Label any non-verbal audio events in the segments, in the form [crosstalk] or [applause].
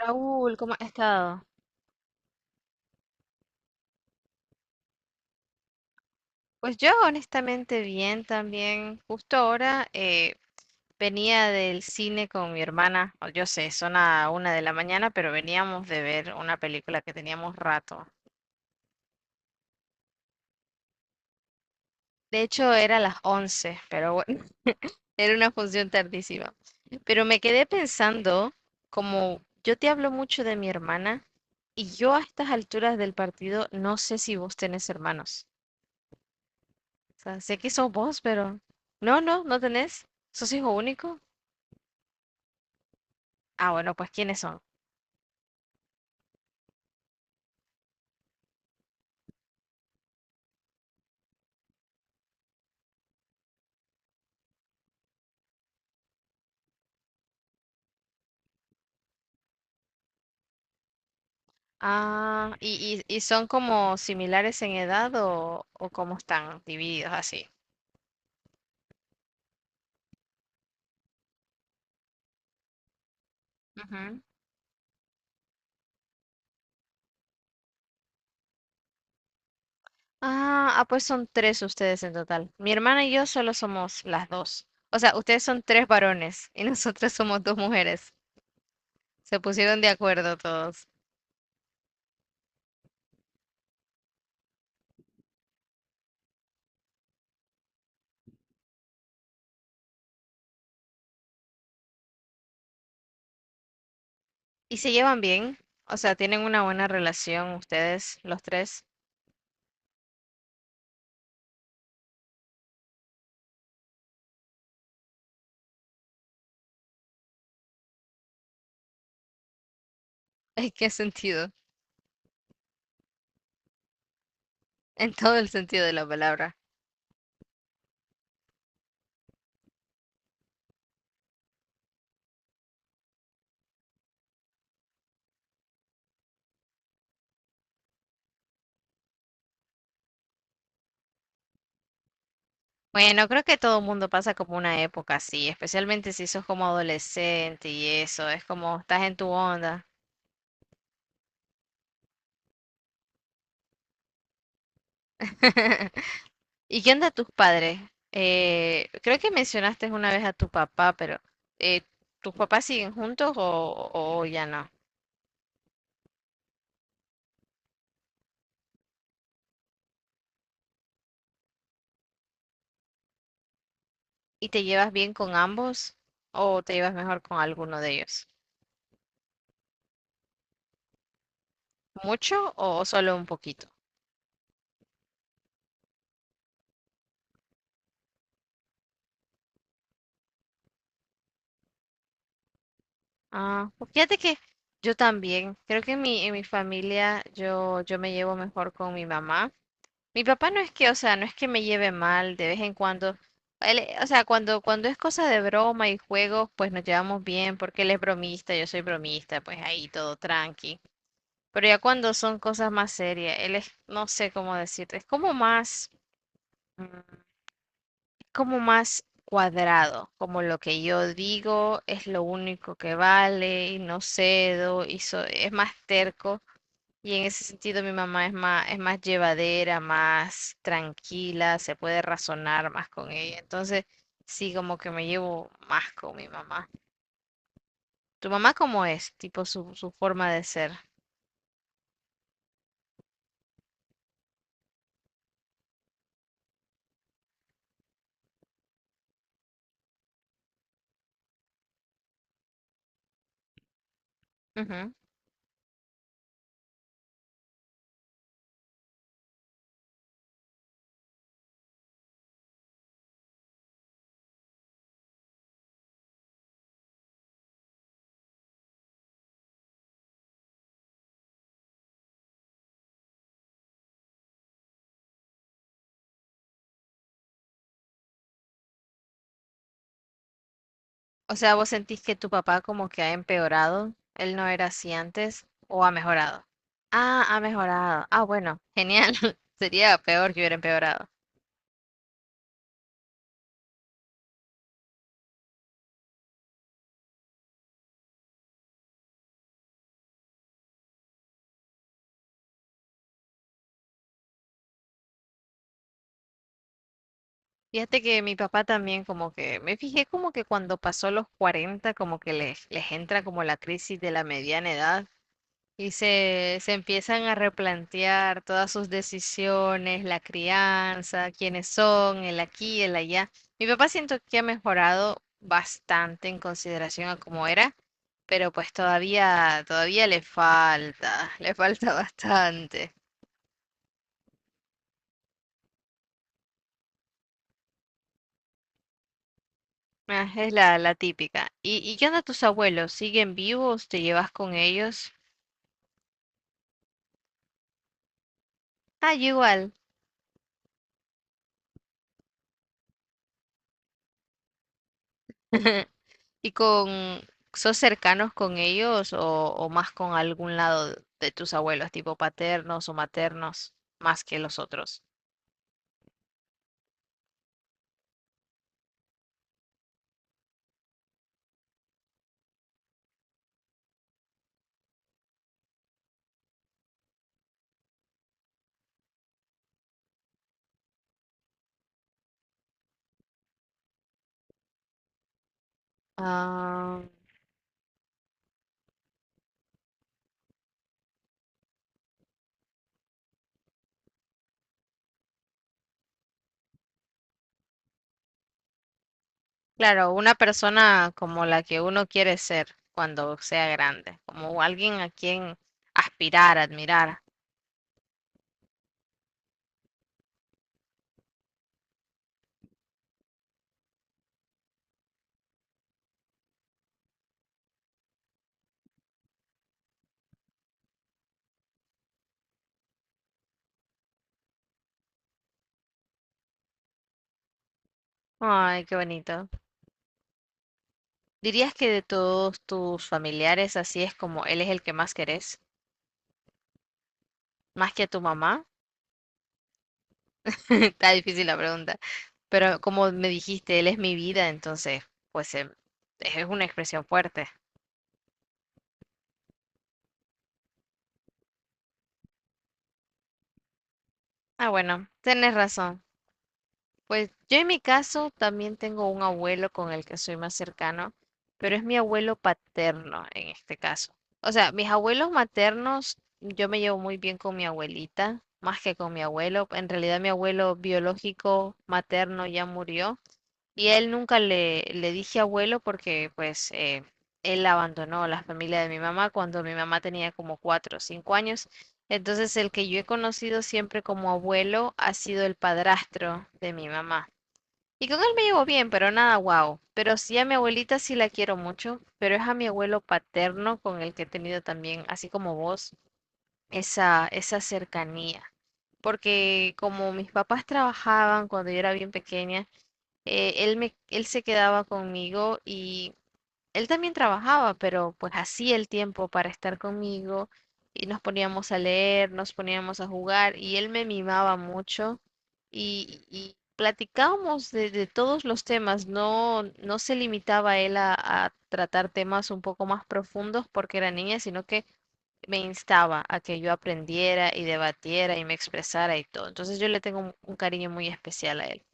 Raúl, ¿cómo has estado? Pues yo honestamente bien también. Justo ahora venía del cine con mi hermana. O Yo sé, son a 1 de la mañana, pero veníamos de ver una película que teníamos rato. De hecho, era las 11, pero bueno, [laughs] era una función tardísima. Pero me quedé pensando, como yo te hablo mucho de mi hermana, y yo a estas alturas del partido no sé si vos tenés hermanos. Sea, sé que sos vos, pero... No, no, no tenés. ¿Sos hijo único? Ah, bueno, pues ¿quiénes son? Ah, ¿y son como similares en edad o cómo están divididos así? Ujú. Ah, ah, pues son tres ustedes en total. Mi hermana y yo solo somos las dos. O sea, ustedes son tres varones y [laughs] nosotros somos dos mujeres. Se pusieron de acuerdo todos. ¿Y se llevan bien? O sea, ¿tienen una buena relación ustedes, los tres? [laughs] ¿En qué sentido? En todo el sentido de la palabra. Bueno, creo que todo el mundo pasa como una época así, especialmente si sos como adolescente y eso, es como estás en tu onda. [laughs] ¿Y qué onda tus padres? Creo que mencionaste una vez a tu papá, pero eh, ¿tus papás siguen juntos o ya no? ¿Y te llevas bien con ambos o te llevas mejor con alguno de ellos? ¿Mucho o solo un poquito? Ah, pues fíjate que yo también, creo que en mi familia yo me llevo mejor con mi mamá. Mi papá no es que, o sea, no es que me lleve mal de vez en cuando. Él, o sea, cuando es cosa de broma y juegos, pues nos llevamos bien, porque él es bromista, yo soy bromista, pues ahí todo tranqui. Pero ya cuando son cosas más serias, él es, no sé cómo decirte, es como más, mm, como más cuadrado, como lo que yo digo es lo único que vale y no cedo, y es más terco. Y en ese sentido mi mamá es más llevadera, más tranquila, se puede razonar más con ella. Entonces, sí, como que me llevo más con mi mamá. ¿Tu mamá cómo es? Tipo su forma de ser. Ujú. O sea, ¿vos sentís que tu papá como que ha empeorado? ¿Él no era así antes o ha mejorado? Ah, ha mejorado. Ah, bueno, genial. [laughs] Sería peor que hubiera empeorado. Fíjate que mi papá también como que, me fijé como que cuando pasó los 40 como que les entra como la crisis de la mediana edad y se empiezan a replantear todas sus decisiones, la crianza, quiénes son, el aquí, el allá. Mi papá siento que ha mejorado bastante en consideración a cómo era, pero pues todavía le falta [laughs] bastante. Ah, es la típica. ¿Y qué onda tus abuelos? ¿Siguen vivos? ¿Te llevas con ellos? Ah, yo igual. [laughs] ¿Y con, Sos cercanos con ellos o más con algún lado de tus abuelos, tipo paternos o maternos, más que los otros? Ah, claro, una persona como la que uno quiere ser cuando sea grande, como alguien a quien aspirar, admirar. Ay, qué bonito. ¿Dirías que de todos tus familiares así es como él es el que más querés, más que a tu mamá? Está difícil la pregunta, pero como me dijiste, él es mi vida, entonces, pues es una expresión fuerte. Ah, bueno, tenés razón. Pues yo en mi caso también tengo un abuelo con el que soy más cercano, pero es mi abuelo paterno en este caso. O sea, mis abuelos maternos, yo me llevo muy bien con mi abuelita, más que con mi abuelo. En realidad mi abuelo biológico materno ya murió. Y a él nunca le dije abuelo porque pues él abandonó la familia de mi mamá cuando mi mamá tenía como 4 o 5 años. Entonces el que yo he conocido siempre como abuelo ha sido el padrastro de mi mamá. Y con él me llevo bien, pero nada guau. Pero sí a mi abuelita sí la quiero mucho, pero es a mi abuelo paterno con el que he tenido también, así como vos, esa cercanía. Porque como mis papás trabajaban cuando yo era bien pequeña, él se quedaba conmigo y él también trabajaba, pero pues hacía el tiempo para estar conmigo y nos poníamos a leer, nos poníamos a jugar y él me mimaba mucho y platicábamos de todos los temas, no, no se limitaba él a tratar temas un poco más profundos porque era niña, sino que me instaba a que yo aprendiera y debatiera y me expresara y todo. Entonces yo le tengo un cariño muy especial a él.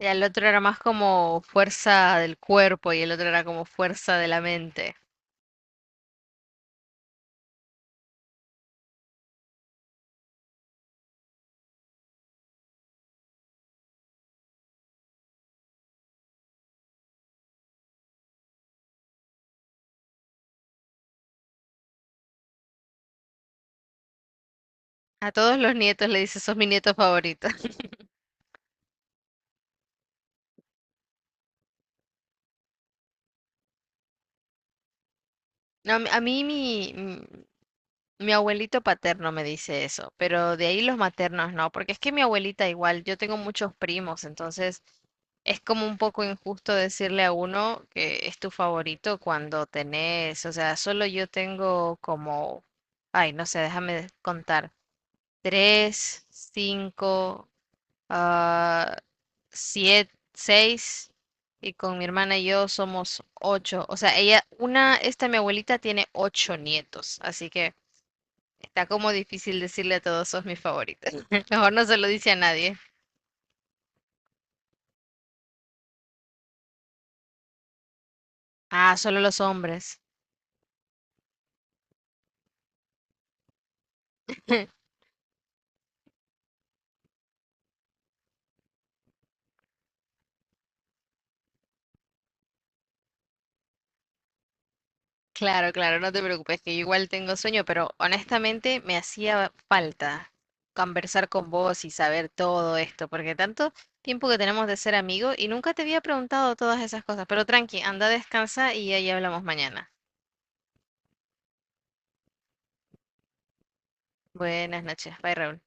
Ya el otro era más como fuerza del cuerpo y el otro era como fuerza de la mente. A todos los nietos le dice, sos mi nieto favorito. [laughs] No, a mí mi abuelito paterno me dice eso, pero de ahí los maternos no, porque es que mi abuelita igual, yo tengo muchos primos, entonces es como un poco injusto decirle a uno que es tu favorito cuando tenés, o sea, solo yo tengo como, ay, no sé, déjame contar, tres, cinco, ah, siete, seis, y con mi hermana y yo somos ocho. O sea, ella, una, esta mi abuelita tiene ocho nietos, así que está como difícil decirle a todos, sos mi favorita. [laughs] Mejor no se lo dice a nadie. Ah, solo los hombres. [laughs] Claro, claro, no te preocupes, que yo igual tengo sueño, pero honestamente me hacía falta conversar con vos y saber todo esto, porque tanto tiempo que tenemos de ser amigos y nunca te había preguntado todas esas cosas, pero tranqui, anda, descansa y ahí hablamos mañana. Buenas noches, bye Raúl.